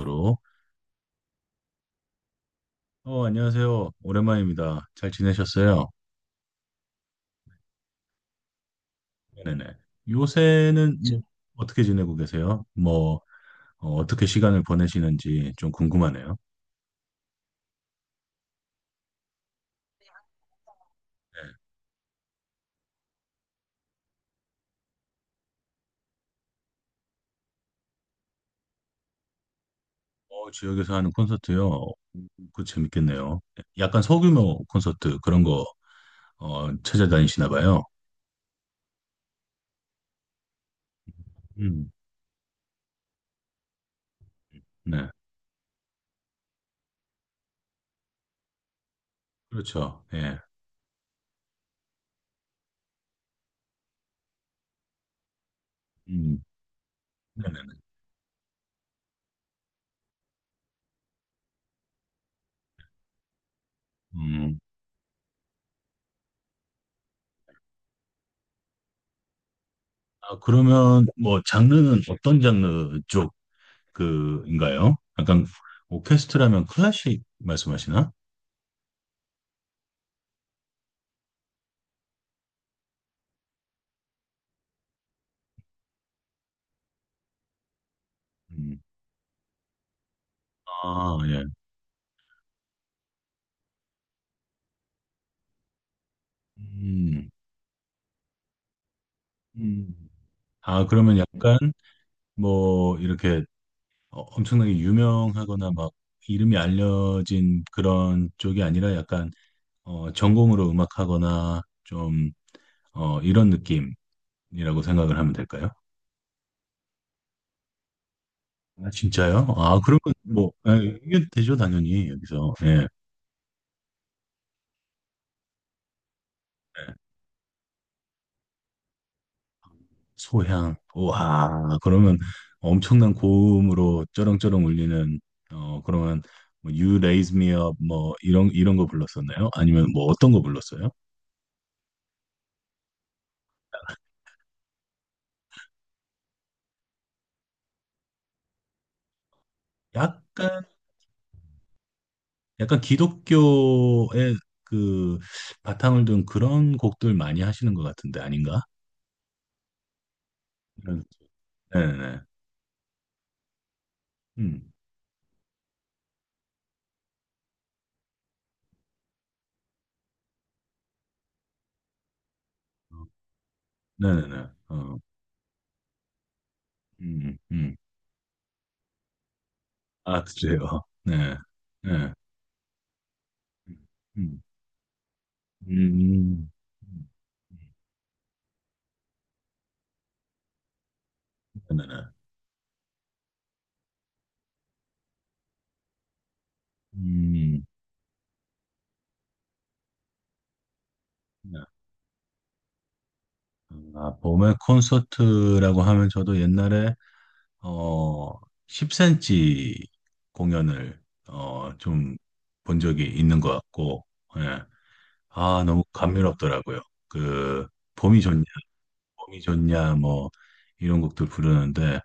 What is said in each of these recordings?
으로. 안녕하세요. 오랜만입니다. 잘 지내셨어요? 네네. 요새는 뭐 어떻게 지내고 계세요? 뭐 떻게 시간을 보내시는지 좀 궁금하네요. 네. 지역에서 하는 콘서트요. 그 재밌겠네요. 네. 약간 소규모 콘서트 그런 거 찾아다니시나 봐요. 음, 네. 그렇죠. 예. 음, 네네. 음. 아, 그러면 뭐 장르는 어떤 장르 쪽 그인가요? 약간 오케스트라면 클래식 말씀하시나? 음. 아, 예. 음. 음. 아, 그러면 약간 뭐 이렇게 엄청나게 유명하거나 막 이름이 알려진 그런 쪽이 아니라 약간 전공으로 음악하거나 좀 이런 느낌이라고 생각을 하면 될까요? 아, 진짜요? 아, 그러면 뭐 예, 이게 되죠, 당연히 여기서. 예. 소향. 와, 그러면 엄청난 고음으로 쩌렁쩌렁 울리는 어 그러면 뭐 You Raise Me Up 뭐 이런 거 불렀었나요? 아니면 뭐 어떤 거 불렀어요? 약간 약간 기독교의 그 바탕을 둔 그런 곡들 많이 하시는 것 같은데 아닌가? 이런- 네네네. 음. 네네네. 어. 음. 음. 아, 그래요. 네. 네. 음. 음. 음. 네네네. 음. 네. 아, 봄의 콘서트라고 하면 저도 옛날에 어 10cm 공연을 좀 본 적이 있는 것 같고, 예. 아 너무 감미롭더라고요. 그 봄이 좋냐, 봄이 좋냐 뭐 이런 곡들 부르는데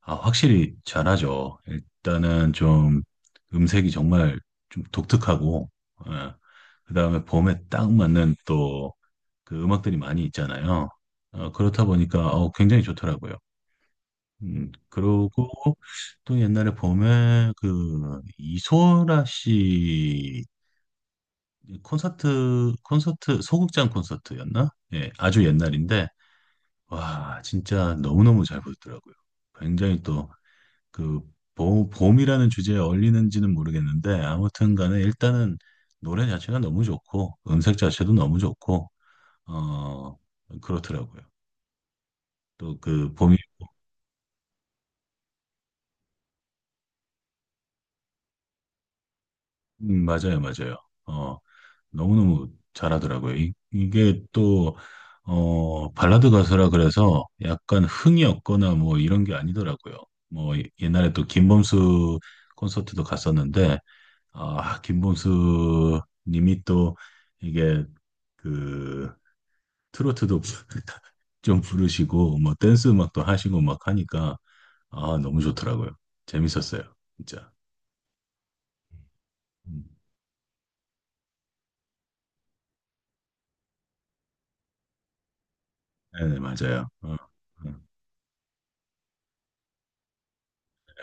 아 확실히 잘하죠. 일단은 좀 음색이 정말 좀 독특하고, 예. 그다음에 봄에 딱 맞는 또 그 음악들이 많이 있잖아요. 그렇다 보니까 굉장히 좋더라고요. 그러고 또 옛날에 봄에 그 이소라 씨 콘서트 소극장 콘서트였나? 예, 아주 옛날인데 와 진짜 너무너무 잘 보였더라고요. 굉장히 또그 봄이라는 주제에 어울리는지는 모르겠는데 아무튼 간에 일단은 노래 자체가 너무 좋고 음색 자체도 너무 좋고 어 그렇더라고요. 또 그 봄이 맞아요, 맞아요. 어, 너무너무 잘하더라고요. 이게 또 발라드 가수라 그래서 약간 흥이 없거나 뭐 이런 게 아니더라고요. 뭐 옛날에 또 김범수 콘서트도 갔었는데 아, 김범수 님이 또 이게 그 트로트도 좀 부르시고 뭐 댄스 음악도 하시고 막 하니까 아, 너무 좋더라고요. 재밌었어요. 진짜. 음. 네네, 맞아요. 네,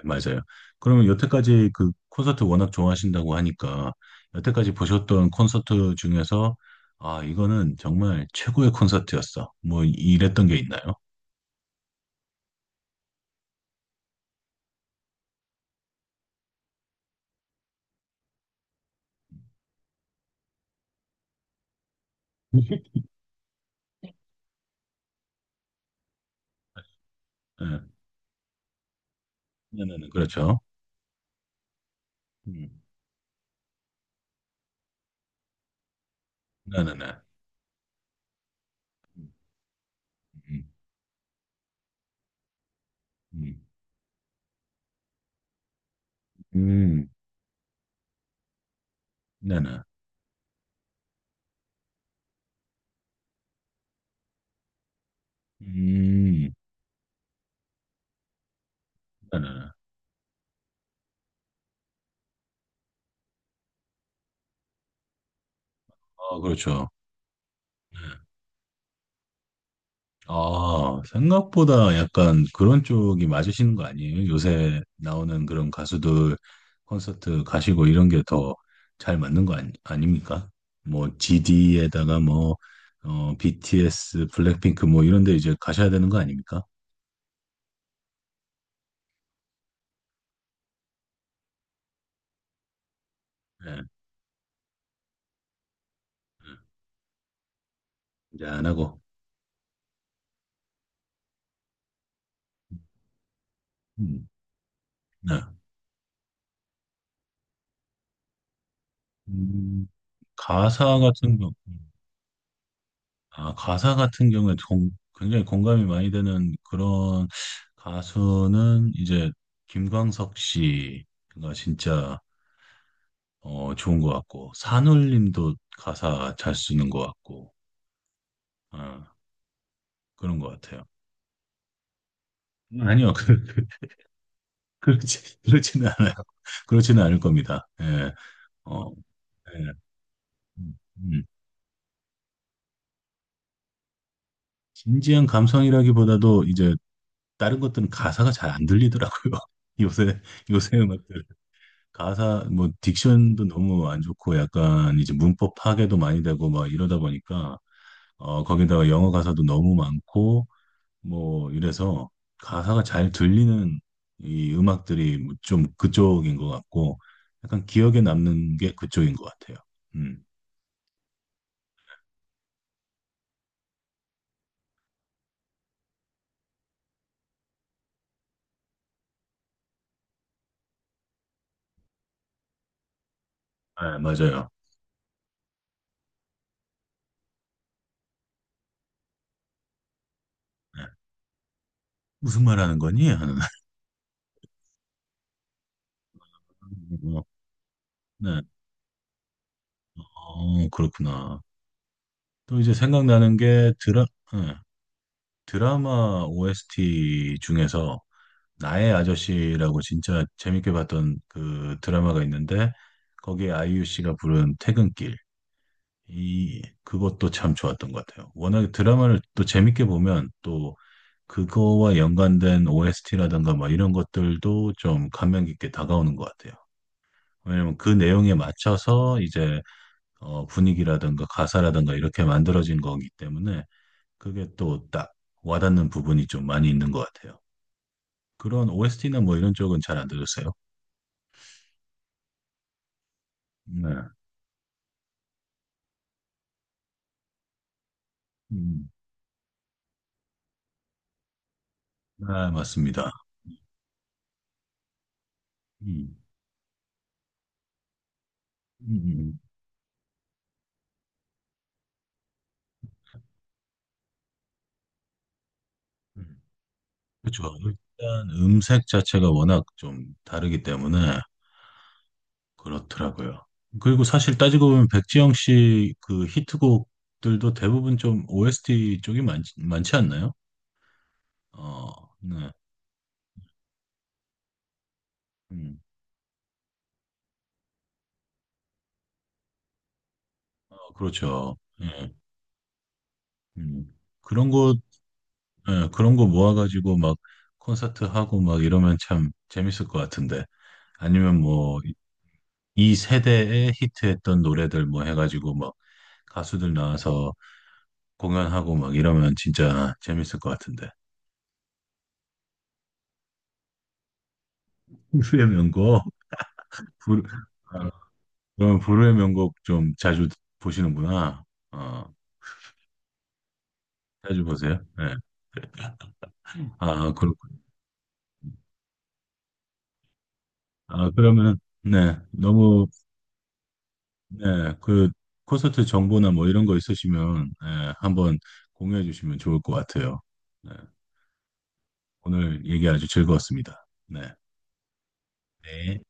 맞아요. 그러면 여태까지 그 콘서트 워낙 좋아하신다고 하니까, 여태까지 보셨던 콘서트 중에서, 아, 이거는 정말 최고의 콘서트였어. 뭐, 이랬던 게 있나요? 네, 네네네, 그렇죠. 음, 네네네. 음, 음, 음, 네네. 음, 네네네. 아, 그렇죠. 네. 아, 생각보다 약간 그런 쪽이 맞으시는 거 아니에요? 요새 나오는 그런 가수들 콘서트 가시고 이런 게 더 잘 맞는 거 아니, 아닙니까? 뭐 GD에다가 뭐 BTS, 블랙핑크 뭐 이런 데 이제 가셔야 되는 거 아닙니까? 네, 이제 안 하고. 음, 음. 네. 음, 가사 같은 경우 아, 가사 같은 경우에 굉장히 공감이 많이 되는 그런 가수는 이제 김광석 씨가 진짜 좋은 것 같고 산울림도 가사 잘 쓰는 것 같고 어, 그런 것 같아요. 아니요, 그렇지는 않아요. 그렇지는 않을 겁니다. 예, 어, 예. 음, 음. 진지한 감성이라기보다도 이제 다른 것들은 가사가 잘 안 들리더라고요. 요새 요새 음악들. 가사 뭐 딕션도 너무 안 좋고 약간 이제 문법 파괴도 많이 되고 막 이러다 보니까 거기다가 영어 가사도 너무 많고 뭐 이래서 가사가 잘 들리는 이 음악들이 뭐좀 그쪽인 것 같고 약간 기억에 남는 게 그쪽인 것 같아요. 음, 네, 맞아요. 네. 무슨 말 하는 거니? 하는 어, 네, 그렇구나. 또 이제 생각나는 게 드라 네, 드라마 OST 중에서 나의 아저씨라고 진짜 재밌게 봤던 그 드라마가 있는데 거기에 아이유 씨가 부른 퇴근길 이 그것도 참 좋았던 것 같아요. 워낙에 드라마를 또 재밌게 보면 또 그거와 연관된 OST라든가 막 이런 것들도 좀 감명 깊게 다가오는 것 같아요. 왜냐면 그 내용에 맞춰서 이제 분위기라든가 가사라든가 이렇게 만들어진 거기 때문에 그게 또 딱 와닿는 부분이 좀 많이 있는 것 같아요. 그런 OST나 뭐 이런 쪽은 잘 안 들으세요? 네. 음, 아, 맞습니다. 음, 음, 음, 음. 그렇죠. 일단 음색 자체가 워낙 좀 다르기 때문에 그렇더라고요. 그리고 사실 따지고 보면 백지영 씨 그 히트곡들도 대부분 좀 OST 쪽이 많지 않나요? 어, 네. 음, 그렇죠. 예, 음. 그런 거, 예, 그런 거 모아가지고 막 콘서트 하고 막 이러면 참 재밌을 것 같은데. 아니면 뭐 이 세대에 히트했던 노래들 뭐 해가지고 막 가수들 나와서 공연하고 막 이러면 진짜 재밌을 것 같은데. 불후의 명곡? 불, 아, 그럼 불후의 명곡 좀 자주 보시는구나. 어, 자주 보세요. 네. 아, 그렇군. 아, 그러면, 네. 너무, 네. 그 콘서트 정보나 뭐 이런 거 있으시면, 네, 한번 공유해 주시면 좋을 것 같아요. 네. 오늘 얘기 아주 즐거웠습니다. 네. 네.